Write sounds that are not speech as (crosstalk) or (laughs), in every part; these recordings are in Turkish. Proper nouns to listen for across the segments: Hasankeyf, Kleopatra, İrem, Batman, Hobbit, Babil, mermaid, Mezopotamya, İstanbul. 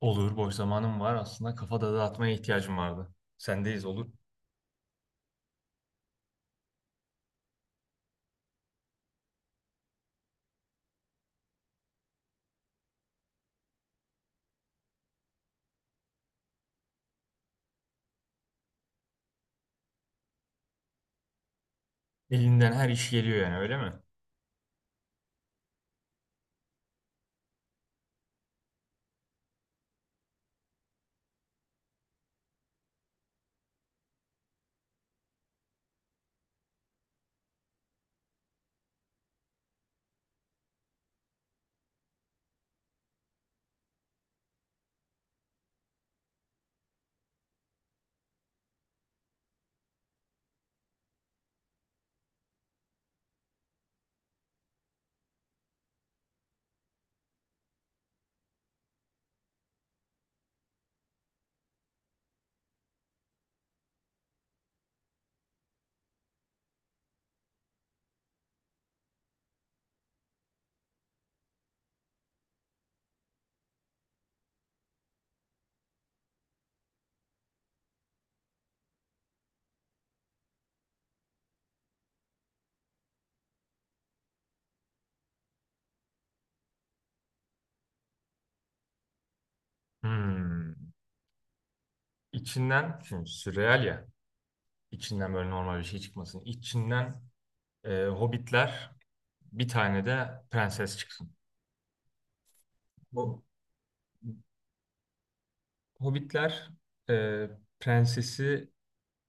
Olur, boş zamanım var. Aslında kafa da dağıtmaya ihtiyacım vardı. Sendeyiz olur. Elinden her iş geliyor yani öyle mi? Hmm. İçinden, şimdi sürreal ya. İçinden böyle normal bir şey çıkmasın. İçinden Hobbitler, bir tane de prenses çıksın. Bu Hobbitler e, prensesi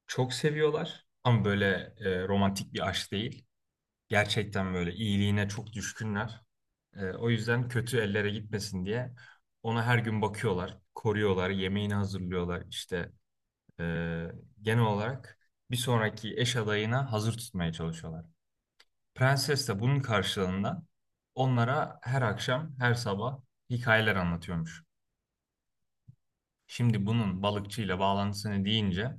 çok seviyorlar. Ama böyle romantik bir aşk değil. Gerçekten böyle iyiliğine çok düşkünler. O yüzden kötü ellere gitmesin diye ona her gün bakıyorlar, koruyorlar, yemeğini hazırlıyorlar. İşte ee, genel olarak bir sonraki eş adayına hazır tutmaya çalışıyorlar. Prenses de bunun karşılığında onlara her akşam, her sabah hikayeler anlatıyormuş. Şimdi bunun balıkçıyla bağlantısını deyince,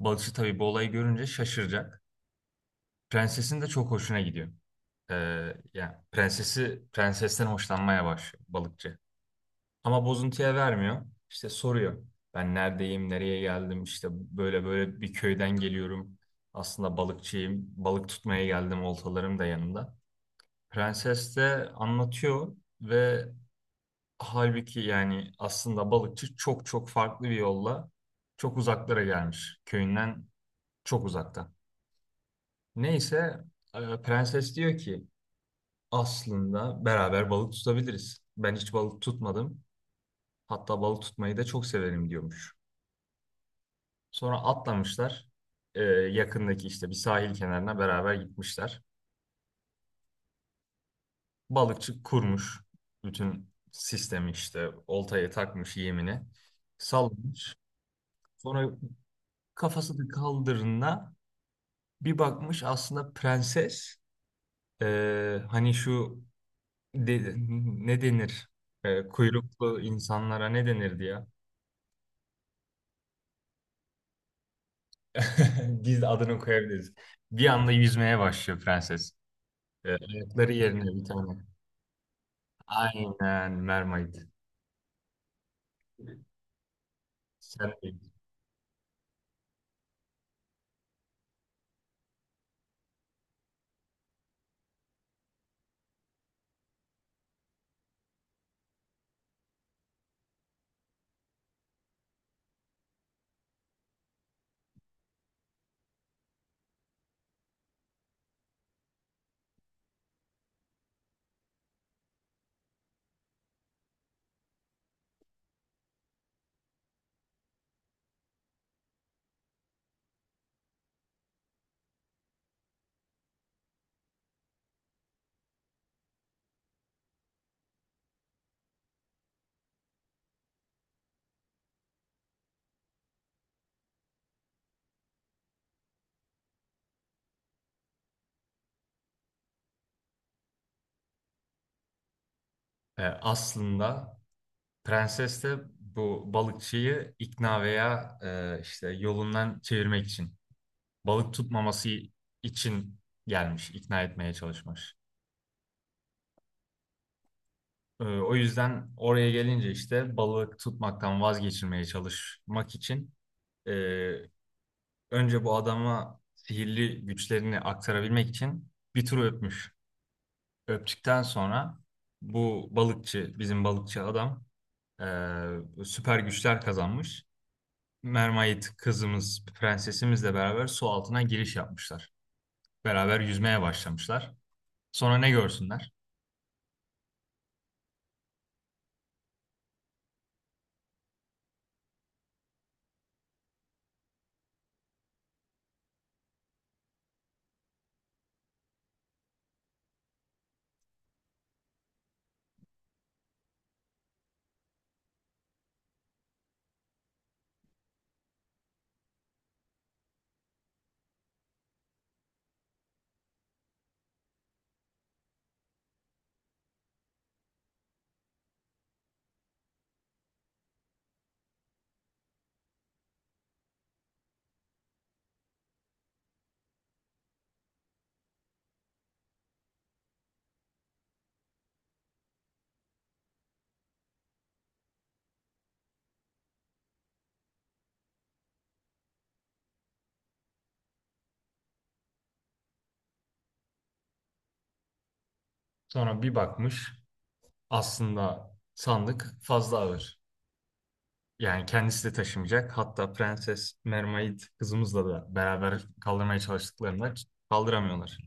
balıkçı tabii bu olayı görünce şaşıracak. Prensesin de çok hoşuna gidiyor. Yani prensesten hoşlanmaya başlıyor balıkçı. Ama bozuntuya vermiyor. İşte soruyor. Ben neredeyim, nereye geldim? İşte böyle böyle bir köyden geliyorum. Aslında balıkçıyım. Balık tutmaya geldim. Oltalarım da yanımda. Prenses de anlatıyor ve halbuki yani aslında balıkçı çok çok farklı bir yolla çok uzaklara gelmiş. Köyünden çok uzakta. Neyse prenses diyor ki aslında beraber balık tutabiliriz. Ben hiç balık tutmadım. Hatta balık tutmayı da çok severim diyormuş. Sonra atlamışlar. Yakındaki işte bir sahil kenarına beraber gitmişler. Balıkçı kurmuş. Bütün sistemi işte oltaya takmış yemini. Sallamış. Sonra kafasını kaldırına bir bakmış aslında prenses. Hani şu de- ne denir? Kuyruklu insanlara ne denirdi ya? (laughs) Biz de adını koyabiliriz. Bir anda yüzmeye başlıyor prenses. Ayakları yerine bir tane. Aynen mermaid. Sen de- aslında prenses de bu balıkçıyı ikna veya işte yolundan çevirmek için. Balık tutmaması için gelmiş, ikna etmeye çalışmış. O yüzden oraya gelince işte balık tutmaktan vazgeçirmeye çalışmak için e, önce bu adama sihirli güçlerini aktarabilmek için bir tur öpmüş. Öptükten sonra bizim balıkçı adam süper güçler kazanmış. Mermaid kızımız, prensesimizle beraber su altına giriş yapmışlar. Beraber yüzmeye başlamışlar. Sonra ne görsünler? Sonra bir bakmış aslında sandık fazla ağır. Yani kendisi de taşımayacak. Hatta Prenses Mermaid kızımızla da beraber kaldırmaya çalıştıklarında kaldıramıyorlar.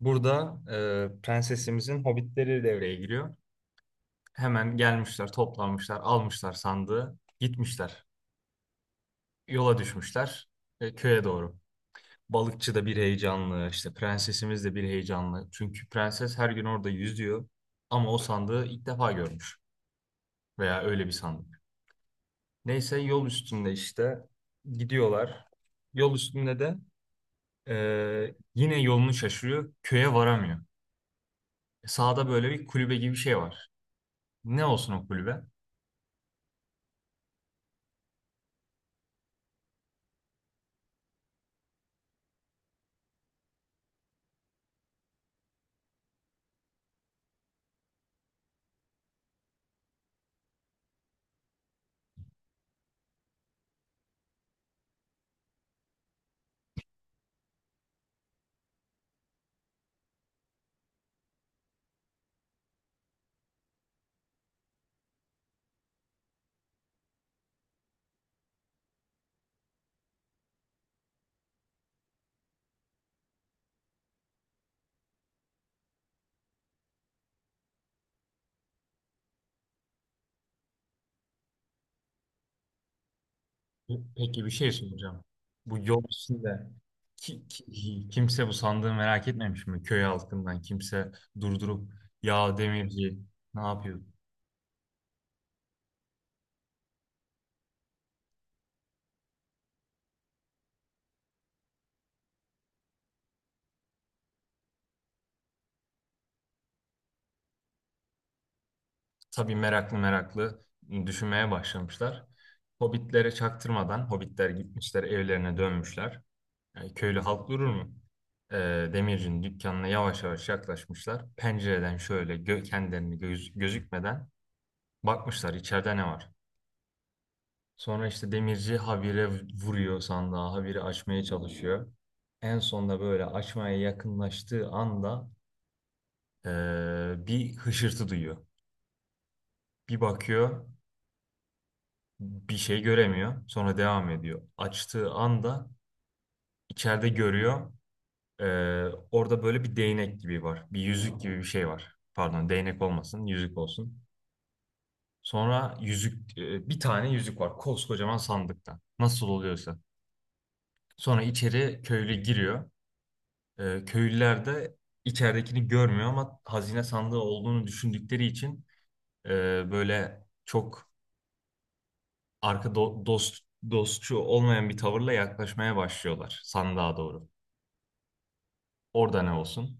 Burada prensesimizin hobbitleri devreye giriyor. Hemen gelmişler, toplanmışlar, almışlar sandığı, gitmişler. Yola düşmüşler köye doğru. Balıkçı da bir heyecanlı, işte prensesimiz de bir heyecanlı. Çünkü prenses her gün orada yüzüyor ama o sandığı ilk defa görmüş veya öyle bir sandık. Neyse yol üstünde işte gidiyorlar. Yol üstünde de yine yolunu şaşırıyor, köye varamıyor. Sağda böyle bir kulübe gibi bir şey var. Ne olsun o kulübe? Peki bir şey soracağım. Bu yol üstünde kimse bu sandığı merak etmemiş mi? Köy halkından kimse durdurup ya demirci ne yapıyor? Tabii meraklı meraklı düşünmeye başlamışlar. Hobbitlere çaktırmadan hobbitler gitmişler evlerine dönmüşler. Yani köylü halk durur mu? Ee, demircinin dükkanına yavaş yavaş yaklaşmışlar. Pencereden şöyle gö kendilerini göz gözükmeden bakmışlar içeride ne var? Sonra işte demirci habire vuruyor sandığa, habire açmaya çalışıyor. En sonunda böyle açmaya yakınlaştığı anda bir hışırtı duyuyor. Bir bakıyor, bir şey göremiyor. Sonra devam ediyor. Açtığı anda içeride görüyor. Orada böyle bir değnek gibi var. Bir yüzük gibi bir şey var. Pardon, değnek olmasın, yüzük olsun. Sonra bir tane yüzük var koskocaman sandıkta. Nasıl oluyorsa. Sonra içeri köylü giriyor. Köylüler de içeridekini görmüyor ama hazine sandığı olduğunu düşündükleri için e, böyle çok dost dostçu olmayan bir tavırla yaklaşmaya başlıyorlar sandığa doğru. Orada ne olsun?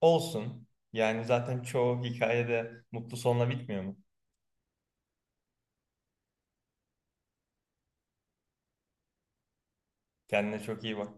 Olsun. Yani zaten çoğu hikayede mutlu sonla bitmiyor mu? Kendine çok iyi bak.